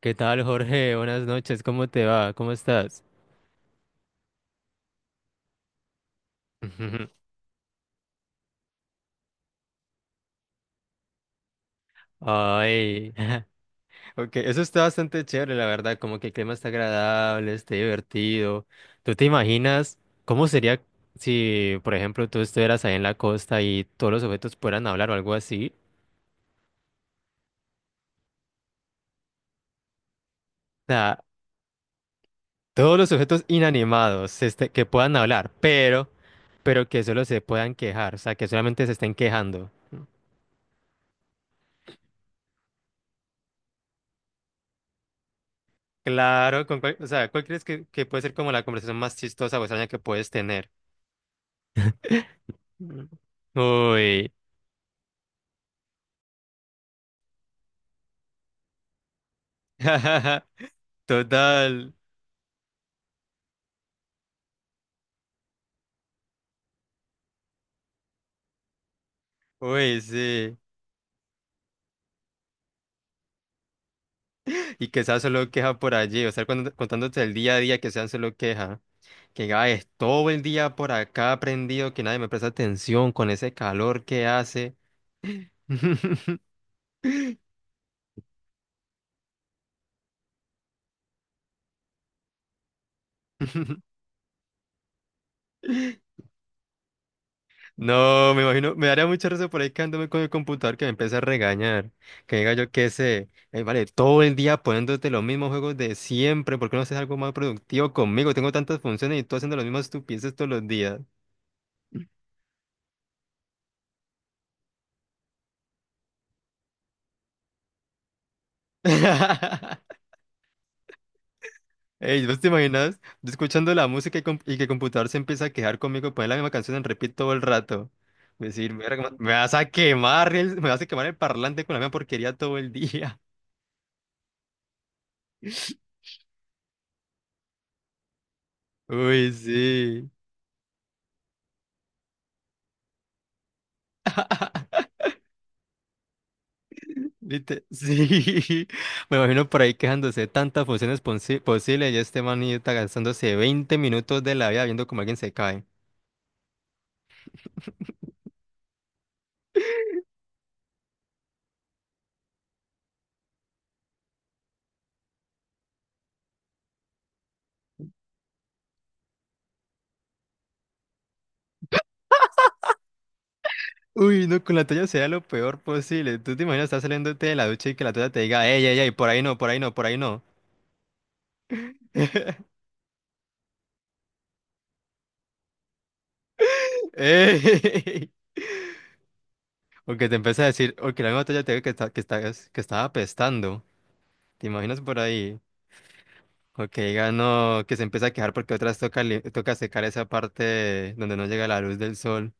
¿Qué tal, Jorge? Buenas noches, ¿cómo te va? ¿Cómo estás? Ujú. Ay, ok, eso está bastante chévere, la verdad, como que el clima está agradable, está divertido. ¿Tú te imaginas cómo sería si, por ejemplo, tú estuvieras ahí en la costa y todos los objetos pudieran hablar o algo así? O sea, todos los objetos inanimados que puedan hablar, pero que solo se puedan quejar, o sea, que solamente se estén quejando. Claro, o sea, ¿cuál crees que puede ser como la conversación más chistosa o extraña que puedes tener? Uy, total. Uy, sí. Y que sea solo queja por allí, o sea, contándote el día a día que sean solo queja. Que ay, es todo el día por acá prendido, que nadie me presta atención con ese calor que hace. No, me imagino, me daría mucha risa por ahí quedándome con el computador que me empieza a regañar. Que diga yo qué sé, vale, todo el día poniéndote los mismos juegos de siempre, ¿por qué no haces algo más productivo conmigo? Tengo tantas funciones y tú haciendo las mismas estupideces todos los días. Ey, ¿vos te imaginas? Yo escuchando la música y que el computador se empieza a quejar conmigo, poner la misma canción en repeat todo el rato. Decir, "Mierda, me vas a quemar me vas a quemar el parlante con la misma porquería todo el día. Uy, sí. Sí, me imagino por ahí quejándose de tantas funciones posibles y este manita gastándose 20 minutos de la vida viendo cómo alguien se cae. Uy, no, con la toalla sea lo peor posible. Tú te imaginas, estás saliéndote de la ducha y que la toalla te diga, ey, ey, ey, por ahí no, por ahí no, por ahí no. Ey. O que te empieza a decir, o que la misma toalla te diga que, está, que, estás- que estaba apestando. ¿Te imaginas por ahí? O que diga, no, que se empieza a quejar porque otras toca secar esa parte donde no llega la luz del sol.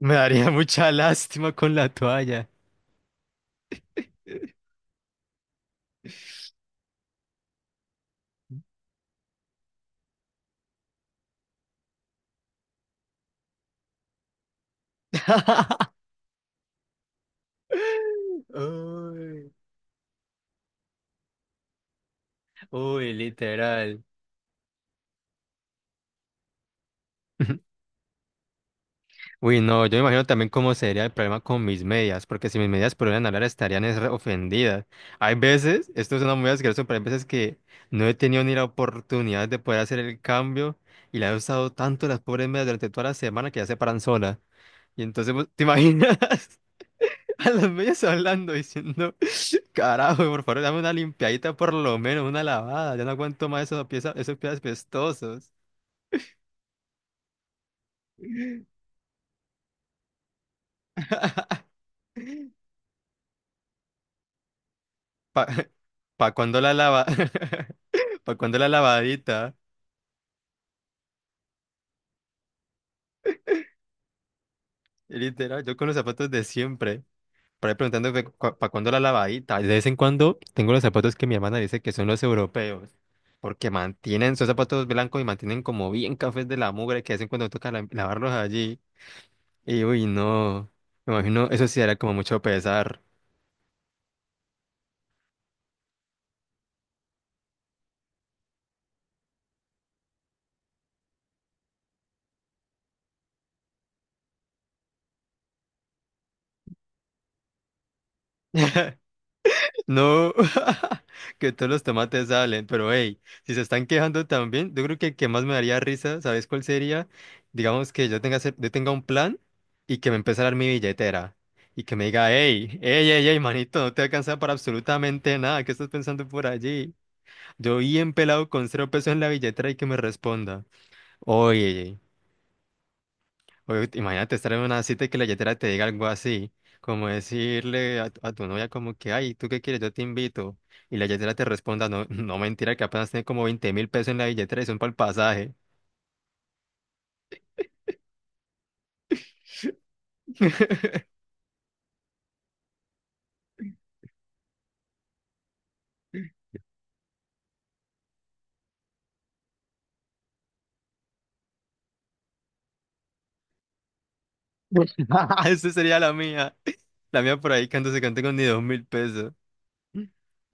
Me daría mucha lástima con la toalla. Uy, uy, literal. Uy, no, yo me imagino también cómo sería el problema con mis medias, porque si mis medias pudieran hablar estarían es re ofendidas. Hay veces, esto suena muy asqueroso, pero hay veces que no he tenido ni la oportunidad de poder hacer el cambio y la he usado tanto las pobres medias durante toda la semana que ya se paran sola. Y entonces, pues, ¿te imaginas? A los medios hablando, diciendo, carajo, por favor, dame una limpiadita por lo menos, una lavada. Ya no aguanto más esos pies pestosos. Pa, pa cuando la lava, pa cuando la lavadita. Y literal, yo con los zapatos de siempre. Por ahí preguntando pa cuando la lavadita. De vez en cuando tengo los zapatos que mi hermana dice que son los europeos. Porque mantienen, son zapatos blancos y mantienen como bien cafés de la mugre que hacen cuando lavarlos allí. Y uy, no. Me imagino, eso sí era como mucho pesar. No, que todos los tomates salen, pero hey, si se están quejando también, yo creo que el que más me daría risa, ¿sabes cuál sería? Digamos que yo yo tenga un plan y que me empiece a dar mi billetera y que me diga, hey, hey, hey, hey, manito, no te alcanza para absolutamente nada, ¿qué estás pensando por allí? Yo bien pelado con cero pesos en la billetera y que me responda, oye, oye, imagínate estar en una cita y que la yetera te diga algo así, como decirle tu a tu novia como que, ay, ¿tú qué quieres? Yo te invito. Y la yetera te responda, no, no mentira, que apenas tiene como 20.000 pesos en la billetera y son para el pasaje. Esa sería la mía. La mía por ahí cantándose cante con ni 2.000 pesos.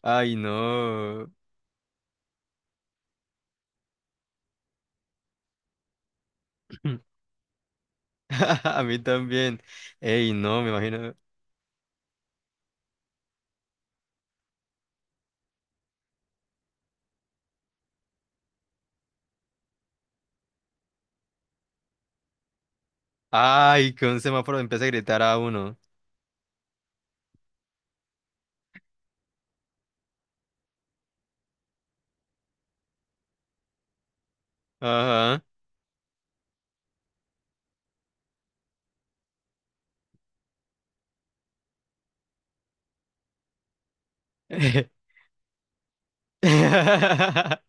Ay, no. A mí también. Ey, no, me imagino. Ay, que un semáforo empieza a gritar a uno. Ajá.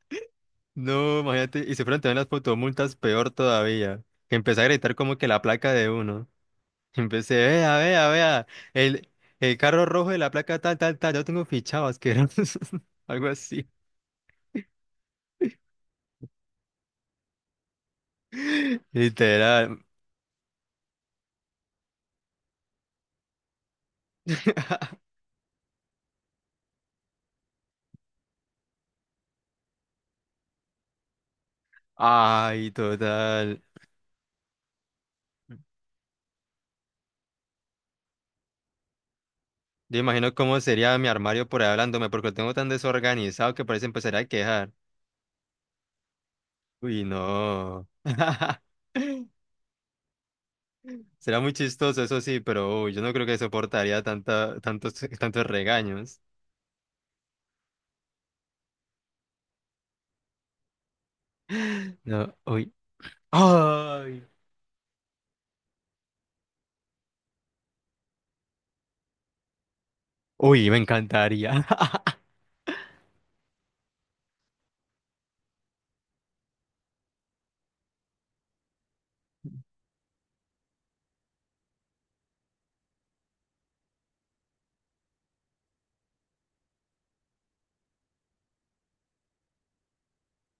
No, imagínate, y se fueron también las fotomultas peor todavía, que empecé a gritar como que la placa de uno. Empecé, vea, vea, vea, el, el carro rojo de la placa tal, tal, tal, yo tengo fichado, asqueroso, algo así, literal. Ay, total. Yo imagino cómo sería mi armario por ahí hablándome, porque lo tengo tan desorganizado que parece empezar a quejar. Uy, no. Será muy chistoso, eso sí, pero uy, yo no creo que soportaría tanta, tantos, tantos regaños. No, uy. ¡Ay! Uy, me encantaría.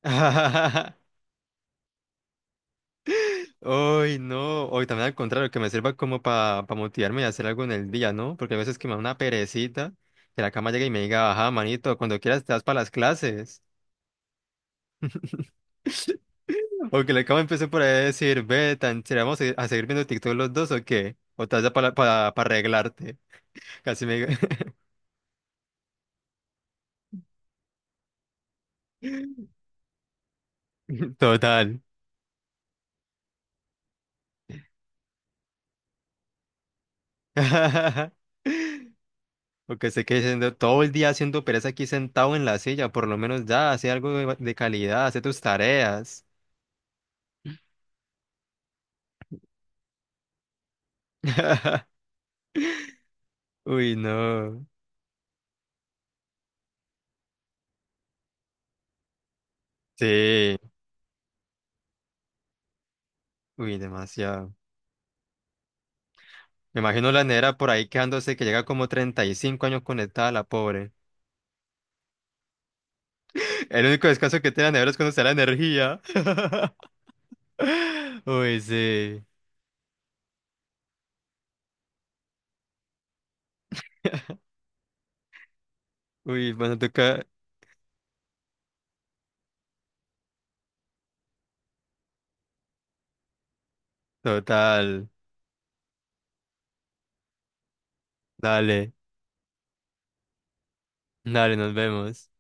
Uy, no. Hoy también al contrario, que me sirva como para motivarme y hacer algo en el día, ¿no? Porque a veces que me da una perecita, que la cama llegue y me diga, ajá, manito, cuando quieras te das para las clases. O que la cama empiece por ahí a decir, ve, tan chévere, vamos a seguir viendo TikTok los dos o qué. O te das para arreglarte. Casi me. Total. Porque se quede siendo todo el día haciendo pereza aquí sentado en la silla, por lo menos ya, hace algo de calidad, hace tus tareas. Uy, no. Sí, uy, demasiado. Me imagino la nevera por ahí quejándose que llega como 35 años conectada, la pobre. El único descanso que tiene la nevera es cuando se da la energía. Uy, sí. Uy, bueno, toca. Total. Dale, dale, nos vemos.